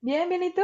Bien, bien, ¿y tú?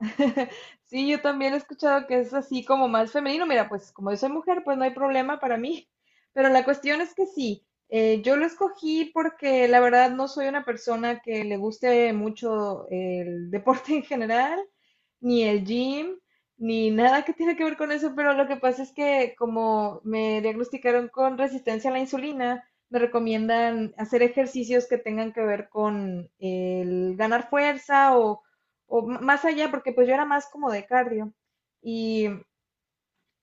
Sí, yo también he escuchado que es así como más femenino. Mira, pues como yo soy mujer, pues no hay problema para mí. Pero la cuestión es que sí, yo lo escogí porque la verdad no soy una persona que le guste mucho el deporte en general. Ni el gym, ni nada que tiene que ver con eso, pero lo que pasa es que como me diagnosticaron con resistencia a la insulina, me recomiendan hacer ejercicios que tengan que ver con el ganar fuerza o, más allá, porque pues yo era más como de cardio. Y,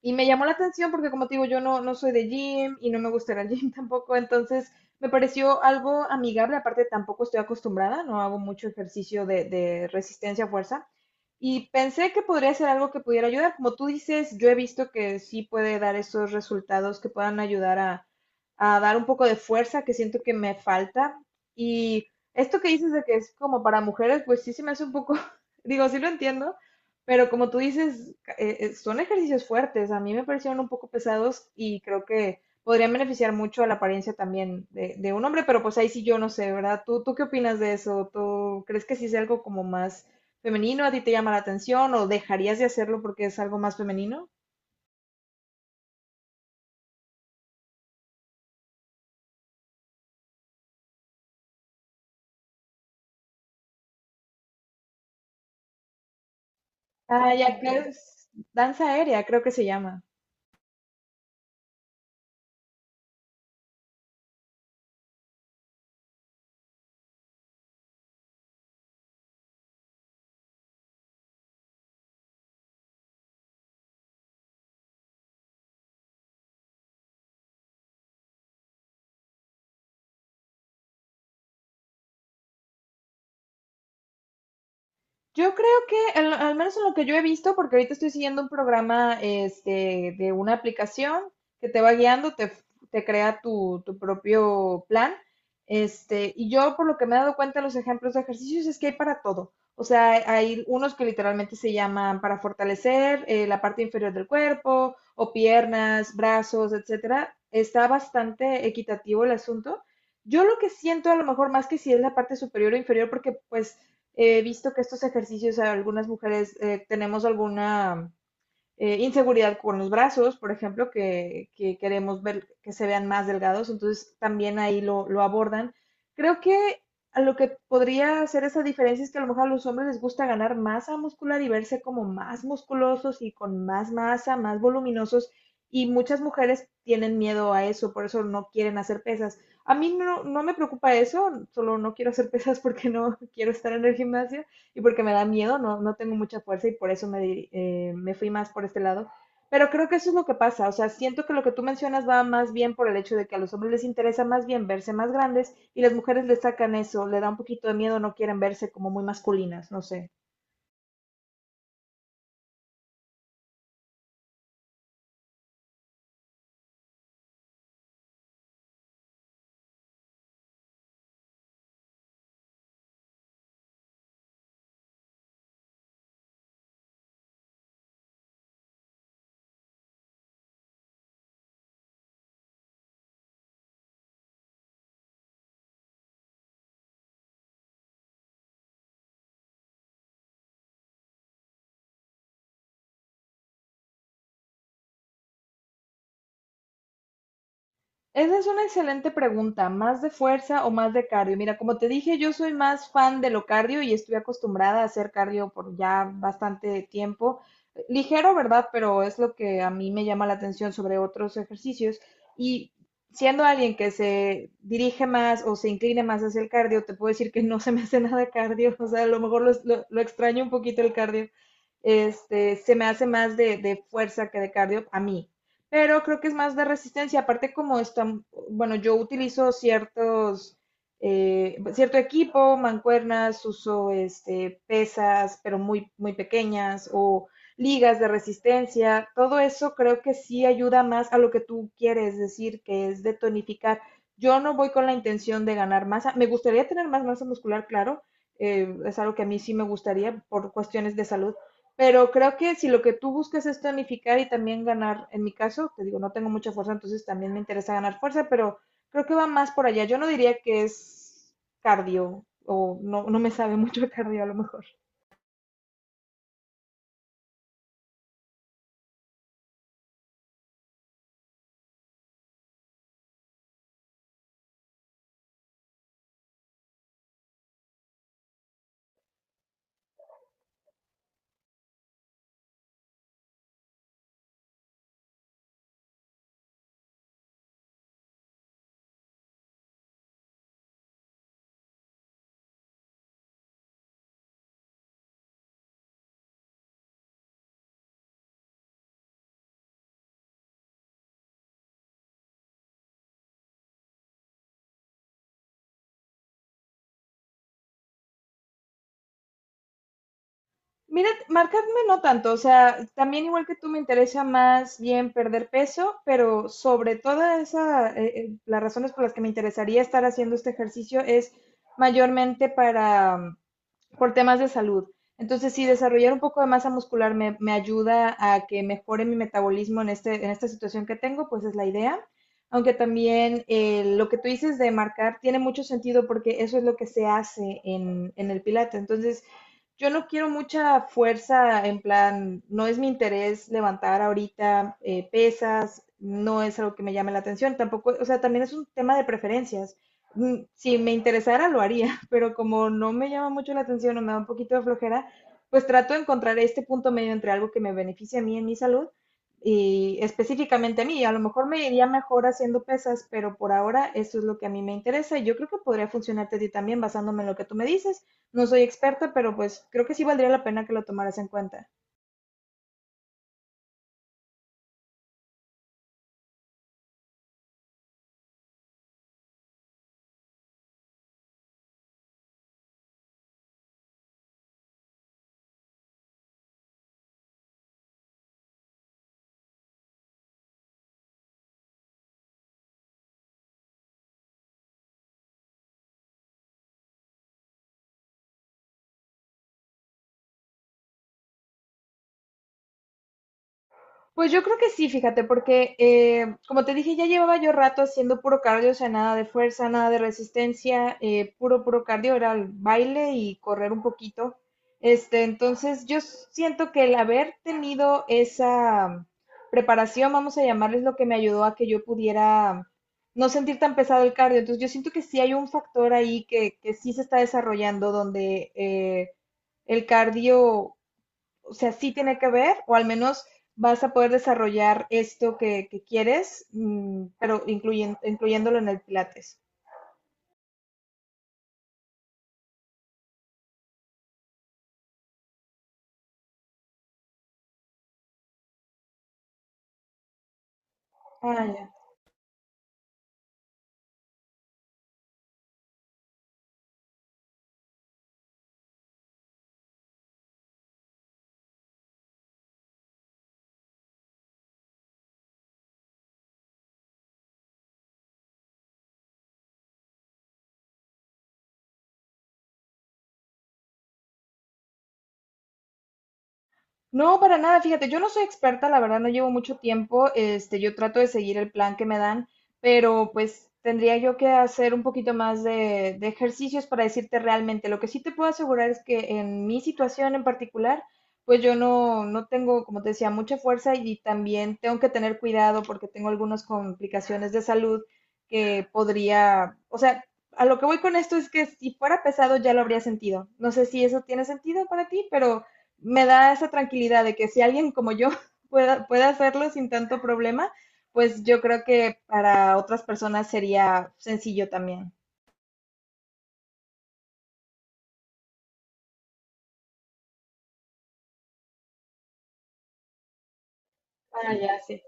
y me llamó la atención porque como te digo, yo no, no soy de gym y no me gusta ir al gym tampoco, entonces me pareció algo amigable. Aparte tampoco estoy acostumbrada, no hago mucho ejercicio de resistencia a fuerza. Y pensé que podría ser algo que pudiera ayudar. Como tú dices, yo he visto que sí puede dar esos resultados que puedan ayudar a dar un poco de fuerza que siento que me falta. Y esto que dices de que es como para mujeres, pues sí se me hace un poco, digo, sí lo entiendo, pero como tú dices, son ejercicios fuertes. A mí me parecieron un poco pesados y creo que podrían beneficiar mucho a la apariencia también de un hombre, pero pues ahí sí yo no sé, ¿verdad? Tú qué opinas de eso? ¿Tú crees que sí es algo como más femenino a ti te llama la atención o dejarías de hacerlo porque es algo más femenino? Ya, ok. Danza aérea, creo que se llama. Yo creo que, al menos en lo que yo he visto, porque ahorita estoy siguiendo un programa, este, de una aplicación que te va guiando, te crea tu propio plan. Este, y yo por lo que me he dado cuenta, los ejemplos de ejercicios es que hay para todo. O sea, hay unos que literalmente se llaman para fortalecer, la parte inferior del cuerpo, o piernas, brazos, etcétera. Está bastante equitativo el asunto. Yo lo que siento a lo mejor más que si es la parte superior o inferior, porque pues he visto que estos ejercicios, algunas mujeres, tenemos alguna, inseguridad con los brazos, por ejemplo, queremos ver que se vean más delgados, entonces también ahí lo abordan. Creo que a lo que podría hacer esa diferencia es que a lo mejor a los hombres les gusta ganar masa muscular y verse como más musculosos y con más masa, más voluminosos, y muchas mujeres tienen miedo a eso, por eso no quieren hacer pesas. A mí no, no me preocupa eso, solo no quiero hacer pesas porque no quiero estar en el gimnasio, y porque me da miedo, no, no tengo mucha fuerza y por eso me fui más por este lado. Pero creo que eso es lo que pasa, o sea, siento que lo que tú mencionas va más bien por el hecho de que a los hombres les interesa más bien verse más grandes y las mujeres les sacan eso, le da un poquito de miedo, no quieren verse como muy masculinas, no sé. Esa es una excelente pregunta, ¿más de fuerza o más de cardio? Mira, como te dije, yo soy más fan de lo cardio y estoy acostumbrada a hacer cardio por ya bastante tiempo. Ligero, ¿verdad? Pero es lo que a mí me llama la atención sobre otros ejercicios. Y siendo alguien que se dirige más o se incline más hacia el cardio, te puedo decir que no se me hace nada cardio. O sea, a lo mejor lo extraño un poquito el cardio. Este, se me hace más de fuerza que de cardio a mí, pero creo que es más de resistencia. Aparte, como están, bueno, yo utilizo ciertos, cierto equipo, mancuernas, uso este, pesas, pero muy pequeñas, o ligas de resistencia, todo eso creo que sí ayuda más a lo que tú quieres decir, que es de tonificar. Yo no voy con la intención de ganar masa, me gustaría tener más masa muscular, claro, es algo que a mí sí me gustaría por cuestiones de salud, pero creo que si lo que tú buscas es tonificar y también ganar, en mi caso, te digo, no tengo mucha fuerza, entonces también me interesa ganar fuerza, pero creo que va más por allá. Yo no diría que es cardio o no, no me sabe mucho de cardio a lo mejor. Mira, marcarme no tanto, o sea, también igual que tú me interesa más bien perder peso, pero sobre toda esa, las razones por las que me interesaría estar haciendo este ejercicio es mayormente para, por temas de salud. Entonces, sí, desarrollar un poco de masa muscular me ayuda a que mejore mi metabolismo en, este, en esta situación que tengo, pues es la idea. Aunque también, lo que tú dices de marcar tiene mucho sentido porque eso es lo que se hace en el pilates. Entonces, yo no quiero mucha fuerza en plan, no es mi interés levantar ahorita, pesas, no es algo que me llame la atención, tampoco, o sea, también es un tema de preferencias. Si me interesara lo haría, pero como no me llama mucho la atención o me da un poquito de flojera, pues trato de encontrar este punto medio entre algo que me beneficie a mí en mi salud y específicamente a mí. A lo mejor me iría mejor haciendo pesas, pero por ahora eso es lo que a mí me interesa y yo creo que podría funcionarte a ti también basándome en lo que tú me dices. No soy experta, pero pues creo que sí valdría la pena que lo tomaras en cuenta. Pues yo creo que sí, fíjate, porque, como te dije, ya llevaba yo rato haciendo puro cardio, o sea, nada de fuerza, nada de resistencia, puro cardio, era el baile y correr un poquito. Este, entonces yo siento que el haber tenido esa preparación, vamos a llamarles, lo que me ayudó a que yo pudiera no sentir tan pesado el cardio. Entonces yo siento que sí hay un factor ahí que sí se está desarrollando donde, el cardio, o sea, sí tiene que ver, o al menos vas a poder desarrollar esto que quieres, mm, pero incluyéndolo en el Pilates. Ah, ya. No, para nada, fíjate, yo no soy experta, la verdad no llevo mucho tiempo, este, yo trato de seguir el plan que me dan, pero pues tendría yo que hacer un poquito más de ejercicios para decirte realmente. Lo que sí te puedo asegurar es que en mi situación en particular, pues yo no, no tengo, como te decía, mucha fuerza y también tengo que tener cuidado porque tengo algunas complicaciones de salud que podría, o sea, a lo que voy con esto es que si fuera pesado ya lo habría sentido. No sé si eso tiene sentido para ti, pero me da esa tranquilidad de que si alguien como yo puede hacerlo sin tanto problema, pues yo creo que para otras personas sería sencillo también. Ah, ya, sí.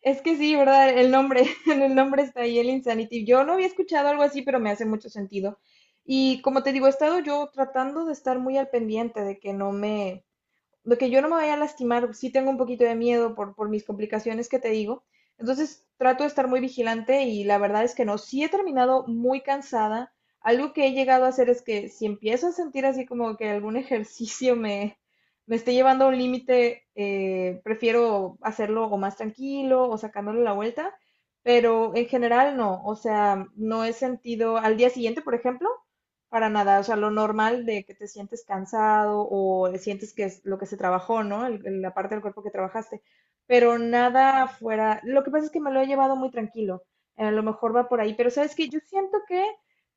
Es que sí, ¿verdad? El nombre, en el nombre está ahí, el Insanity. Yo no había escuchado algo así, pero me hace mucho sentido. Y como te digo, he estado yo tratando de estar muy al pendiente de que no me, de que yo no me vaya a lastimar, sí tengo un poquito de miedo por mis complicaciones que te digo. Entonces trato de estar muy vigilante y la verdad es que no, sí he terminado muy cansada. Algo que he llegado a hacer es que si empiezo a sentir así como que algún me esté llevando a un límite, prefiero hacerlo o más tranquilo o sacándole la vuelta, pero en general no, o sea, no he sentido, al día siguiente, por ejemplo, para nada, o sea, lo normal de que te sientes cansado o sientes que es lo que se trabajó, ¿no? La parte del cuerpo que trabajaste, pero nada fuera. Lo que pasa es que me lo he llevado muy tranquilo. A lo mejor va por ahí, pero sabes que yo siento que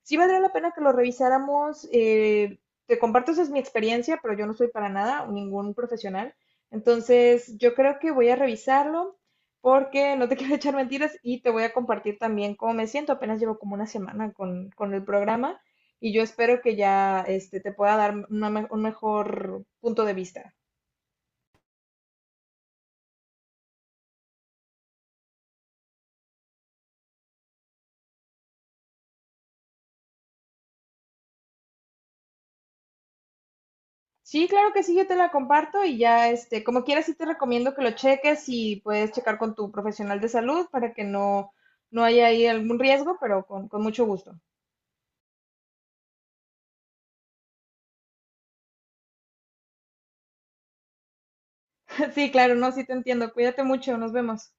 sí valdría la pena que lo revisáramos. Eh, te comparto, esa es mi experiencia, pero yo no soy para nada ningún profesional. Entonces, yo creo que voy a revisarlo porque no te quiero echar mentiras y te voy a compartir también cómo me siento. Apenas llevo como una semana con el programa y yo espero que ya, este, te pueda dar un mejor punto de vista. Sí, claro que sí, yo te la comparto y ya, este, como quieras, sí te recomiendo que lo cheques y puedes checar con tu profesional de salud para que no, no haya ahí algún riesgo, pero con mucho gusto. Sí, claro, no, sí te entiendo. Cuídate mucho, nos vemos.